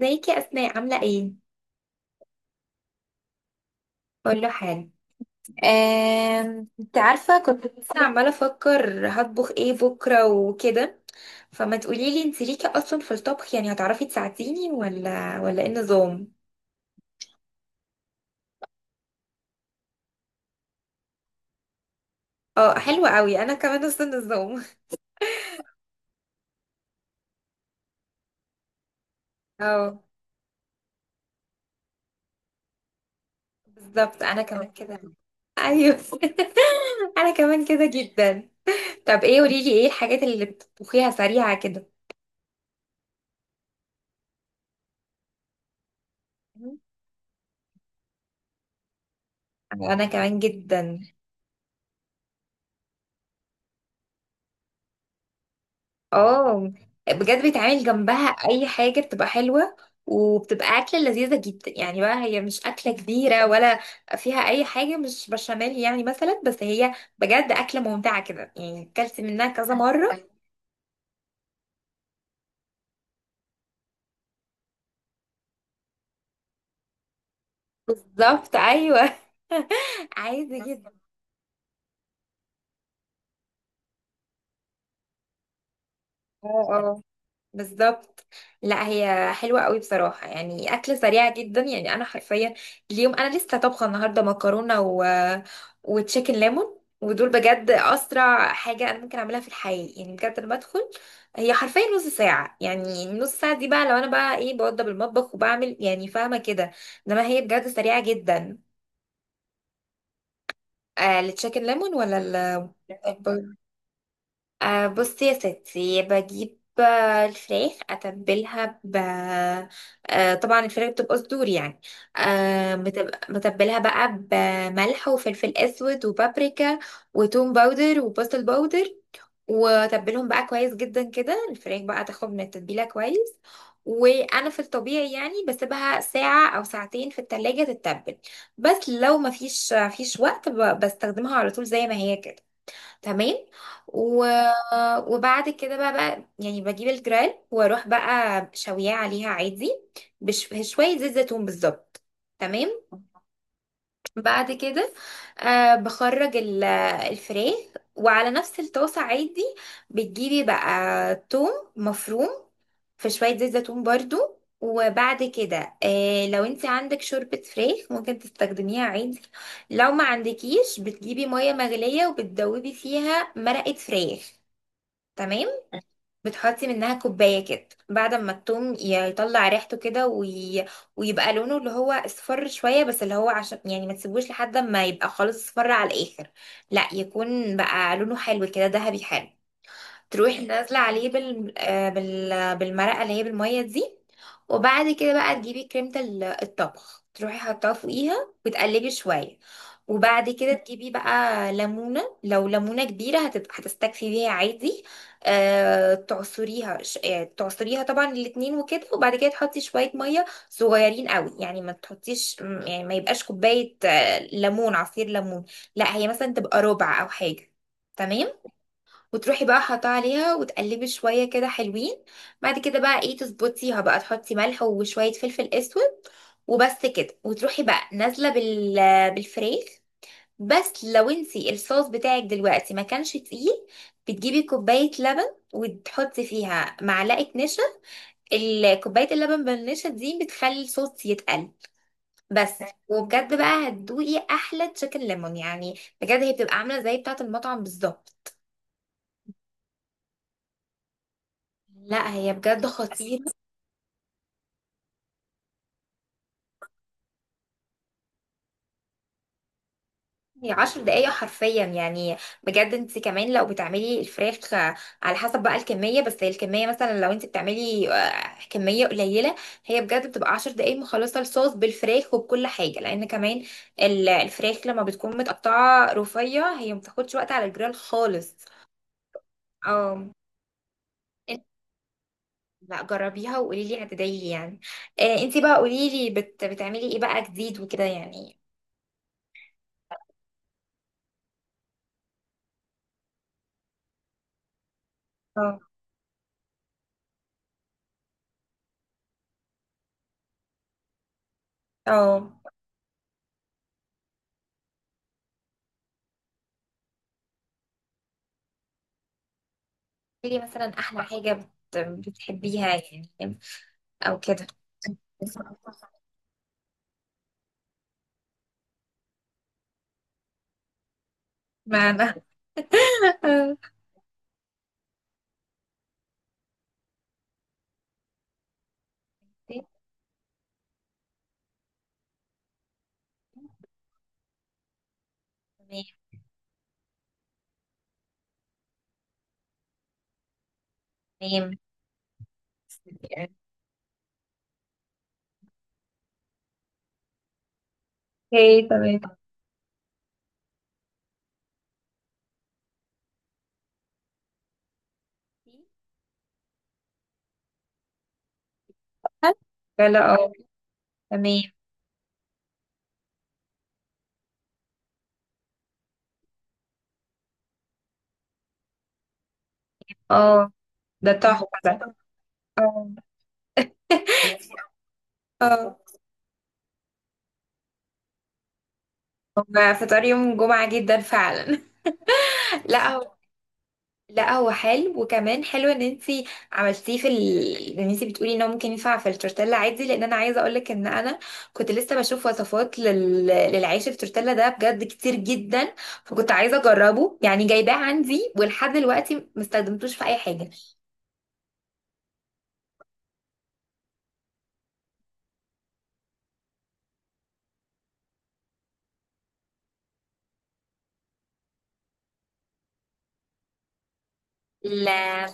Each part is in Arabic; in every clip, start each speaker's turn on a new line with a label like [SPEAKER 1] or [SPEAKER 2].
[SPEAKER 1] ازيك يا اسماء، عامله ايه؟ اقول له حاجه. انت عارفة كنت لسه عماله افكر هطبخ ايه بكره وكده. فما تقولي لي انت ليكي اصلا في الطبخ؟ يعني هتعرفي تساعديني ولا ايه النظام؟ اه، حلو قوي، انا كمان نفس النظام. اه. بالظبط انا كمان كده. ايوه. انا كمان كده جدا. طب ايه، قولي لي ايه الحاجات اللي بتطبخيها سريعه كده؟ انا كمان جدا. اه بجد بيتعمل جنبها اي حاجه بتبقى حلوه، وبتبقى اكله لذيذه جدا يعني بقى، هي مش اكله كبيره ولا فيها اي حاجه، مش بشاميل يعني مثلا، بس هي بجد اكله ممتعه كده يعني، اكلت منها كذا مره. بالظبط ايوه. عادي جدا. اه، بالظبط. لا هي حلوة قوي بصراحة يعني، أكل سريع جدا يعني، أنا حرفيا اليوم أنا لسه طبخة النهاردة مكرونة وتشيكن ليمون، ودول بجد أسرع حاجة أنا ممكن أعملها في الحياة يعني، بجد. أنا بدخل، هي حرفيا نص ساعة. يعني نص ساعة دي بقى، لو أنا بقى إيه بوضب المطبخ وبعمل يعني، فاهمة كده. إنما هي بجد سريعة جدا. آه، التشيكن ليمون ولا؟ ال بصي يا ستي، بجيب، الفراخ اتبلها ب، طبعا الفراخ بتبقى صدور يعني. متبلها بقى بملح وفلفل اسود وبابريكا وتوم باودر وبصل باودر. واتبلهم بقى كويس جدا كده، الفراخ بقى تاخد من التتبيله كويس. وانا في الطبيعي يعني بسيبها ساعه او ساعتين في التلاجة تتبل، بس لو مفيش وقت بستخدمها على طول زي ما هي كده. تمام. و... وبعد كده بقى، يعني بجيب الجرال واروح بقى شوياه عليها عادي، بشوية زيت زيتون بالظبط. تمام. بعد كده، بخرج الفراخ، وعلى نفس الطاسة عادي بتجيبي بقى توم مفروم في شوية زيت زيتون برضو. وبعد كده لو انت عندك شوربة فراخ ممكن تستخدميها عادي، لو ما عندكيش بتجيبي مية مغلية وبتدوبي فيها مرقة فراخ. تمام. بتحطي منها كوباية كده، بعد ما التوم يطلع ريحته كده ويبقى لونه اللي هو اصفر شوية، بس اللي هو عشان يعني ما تسيبوش لحد ما يبقى خالص اصفر على الآخر، لا يكون بقى لونه حلو كده، ذهبي حلو. تروحي نازله عليه بالمرقه اللي هي بالميه دي. وبعد كده بقى تجيبي كريمه الطبخ، تروحي حطها فوقيها وتقلبي شويه. وبعد كده تجيبي بقى ليمونه، لو ليمونه كبيره هتبقى هتستكفي بيها عادي. يعني تعصريها طبعا الاتنين وكده. وبعد كده تحطي شويه ميه صغيرين قوي، يعني ما تحطيش م- يعني ما يبقاش كوبايه، ليمون، عصير ليمون، لا هي مثلا تبقى ربع او حاجه. تمام. وتروحي بقى حاطاه عليها وتقلبي شويه كده حلوين. بعد كده بقى ايه، تظبطيها بقى، تحطي ملح وشويه فلفل اسود وبس كده. وتروحي بقى نازله بال، بالفريخ. بس لو انتي الصوص بتاعك دلوقتي ما كانش تقيل، بتجيبي كوبايه لبن وتحطي فيها معلقه نشا. كوبايه اللبن بالنشا دي بتخلي الصوص يتقل. بس. وبجد بقى هتدوقي احلى تشيكن ليمون يعني، بجد هي بتبقى عامله زي بتاعه المطعم بالظبط. لا هي بجد خطيرة. هي عشر دقايق حرفيا يعني، بجد. انت كمان لو بتعملي الفراخ، على حسب بقى الكمية، بس هي الكمية مثلا لو انت بتعملي كمية قليلة، هي بجد بتبقى عشر دقايق مخلصة الصوص بالفراخ وبكل حاجة، لان كمان الفراخ لما بتكون متقطعة رفيع هي مبتاخدش وقت على الجريل خالص. اه. انت- لا جربيها وقولي لي، هتدعي يعني. انت بقى قولي لي، بتعملي ايه بقى جديد وكده يعني؟ اه اه. قولي لي مثلا احلى حاجة بتحبيها يعني، او كده. معنى، تمام. تمام. اوكي، تمام. هل؟ لا لا اه. تمام. اه. ده تحفة ده. اه. اه. هما فطار يوم الجمعة جدا فعلا. لا. لا هو حلو، وكمان حلو ان انتي عملتيه في ان انتي بتقولي ان هو ممكن ينفع في التورتيلا عادي، لان انا عايزه اقولك ان انا كنت لسه بشوف وصفات للعيش في التورتيلا ده بجد كتير جدا. فكنت عايزه اجربه يعني، جايباه عندي ولحد دلوقتي ما استخدمتوش في اي حاجه. لا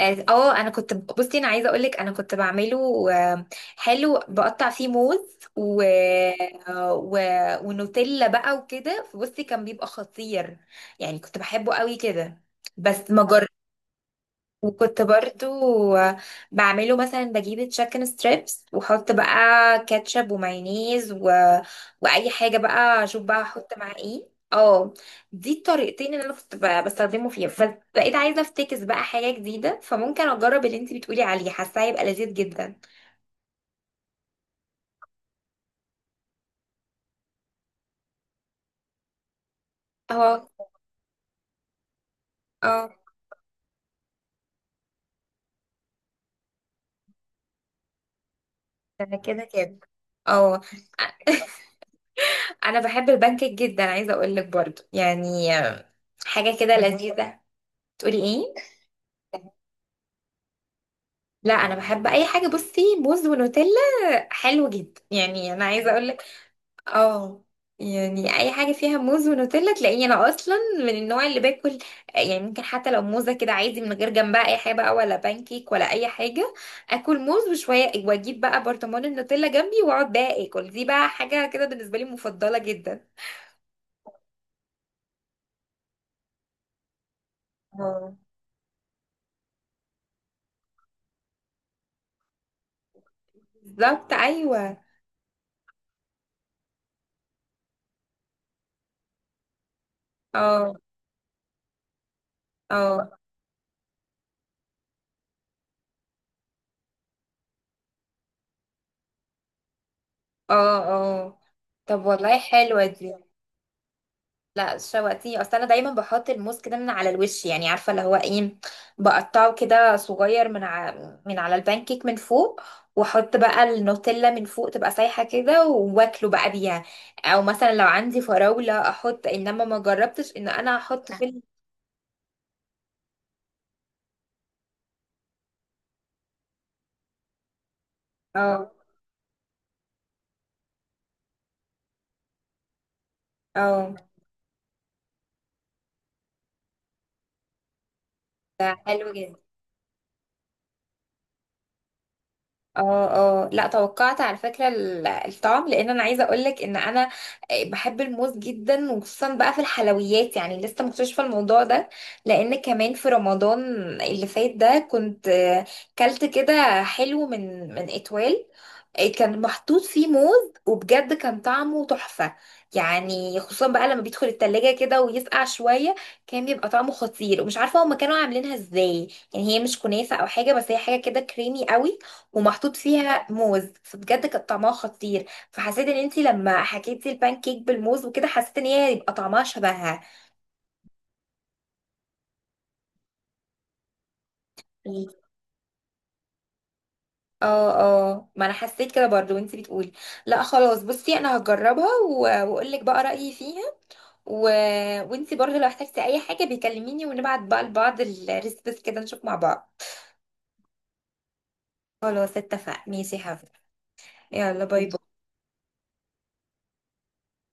[SPEAKER 1] اه، انا كنت، بصي انا عايزه اقولك انا كنت بعمله، حلو بقطع فيه موز آه، و... ونوتيلا بقى وكده، فبصي كان بيبقى خطير يعني، كنت بحبه قوي كده. بس ما. وكنت برضو بعمله مثلا، بجيب تشيكن ستريبس واحط بقى كاتشب ومايونيز واي حاجه بقى اشوف بقى احط معاه ايه. اه. دي الطريقتين اللي انا كنت بستخدمه فيها، بس بقيت عايزه افتكس بقى حاجه جديده، فممكن اجرب اللي انت بتقولي عليه، حاساه هيبقى لذيذ جدا. اه اه. أنا كده كده. اه انا بحب البانكيك جدا، عايزه اقول لك برضو يعني حاجه كده لذيذه. تقولي ايه؟ لا انا بحب اي حاجه، بصي موز ونوتيلا حلو جدا يعني، انا عايزه اقول لك. اه. يعني اي حاجه فيها موز ونوتيلا تلاقيني انا اصلا من النوع اللي باكل يعني، ممكن حتى لو موزه كده عادي من غير جنبها اي حاجه، بقى ولا بانكيك ولا اي حاجه. اكل موز وشويه، واجيب بقى برطمان النوتيلا جنبي واقعد بقى اكل، دي بقى حاجه كده بالنسبه لي مفضله جدا. اه. بالظبط ايوه. اه. اه. اه. اه. طب والله حلوه دي. لا شواتيه، اصل انا دايما بحط الموز كده من على الوش يعني، عارفه اللي هو ايه؟ بقطعه كده صغير من على البانكيك من فوق، واحط بقى النوتيلا من فوق، تبقى سايحه كده واكله بقى بيها. او مثلا لو عندي فراوله احط، انما ما جربتش ان انا احط في اه. اه. ده حلو جدا. اه. اه. لا توقعت على فكرة الطعم، لان انا عايزة اقولك ان انا بحب الموز جدا وخصوصا بقى في الحلويات يعني، لسه مكتشفة الموضوع ده، لان كمان في رمضان اللي فات ده كنت، كلت كده حلو من اتوال، كان محطوط فيه موز وبجد كان طعمه تحفة يعني، خصوصا بقى لما بيدخل التلاجة كده ويسقع شوية كان بيبقى طعمه خطير. ومش عارفة هما كانوا عاملينها ازاي، يعني هي مش كنافة او حاجة، بس هي حاجة كده كريمي قوي، ومحطوط فيها موز فبجد كان طعمها خطير. فحسيت ان انتي لما حكيتي البان كيك بالموز وكده، حسيت ان هي يبقى طعمها شبهها. اه اه، ما انا حسيت كده برضو وانتي بتقولي. لا خلاص، بصي انا هجربها واقول لك بقى رايي فيها. و... وانتي برضو لو احتجتي اي حاجه بيكلميني، ونبعت بقى لبعض الريسبس كده نشوف مع بعض. خلاص، اتفق، ماشي يا حبيبي. يلا باي باي.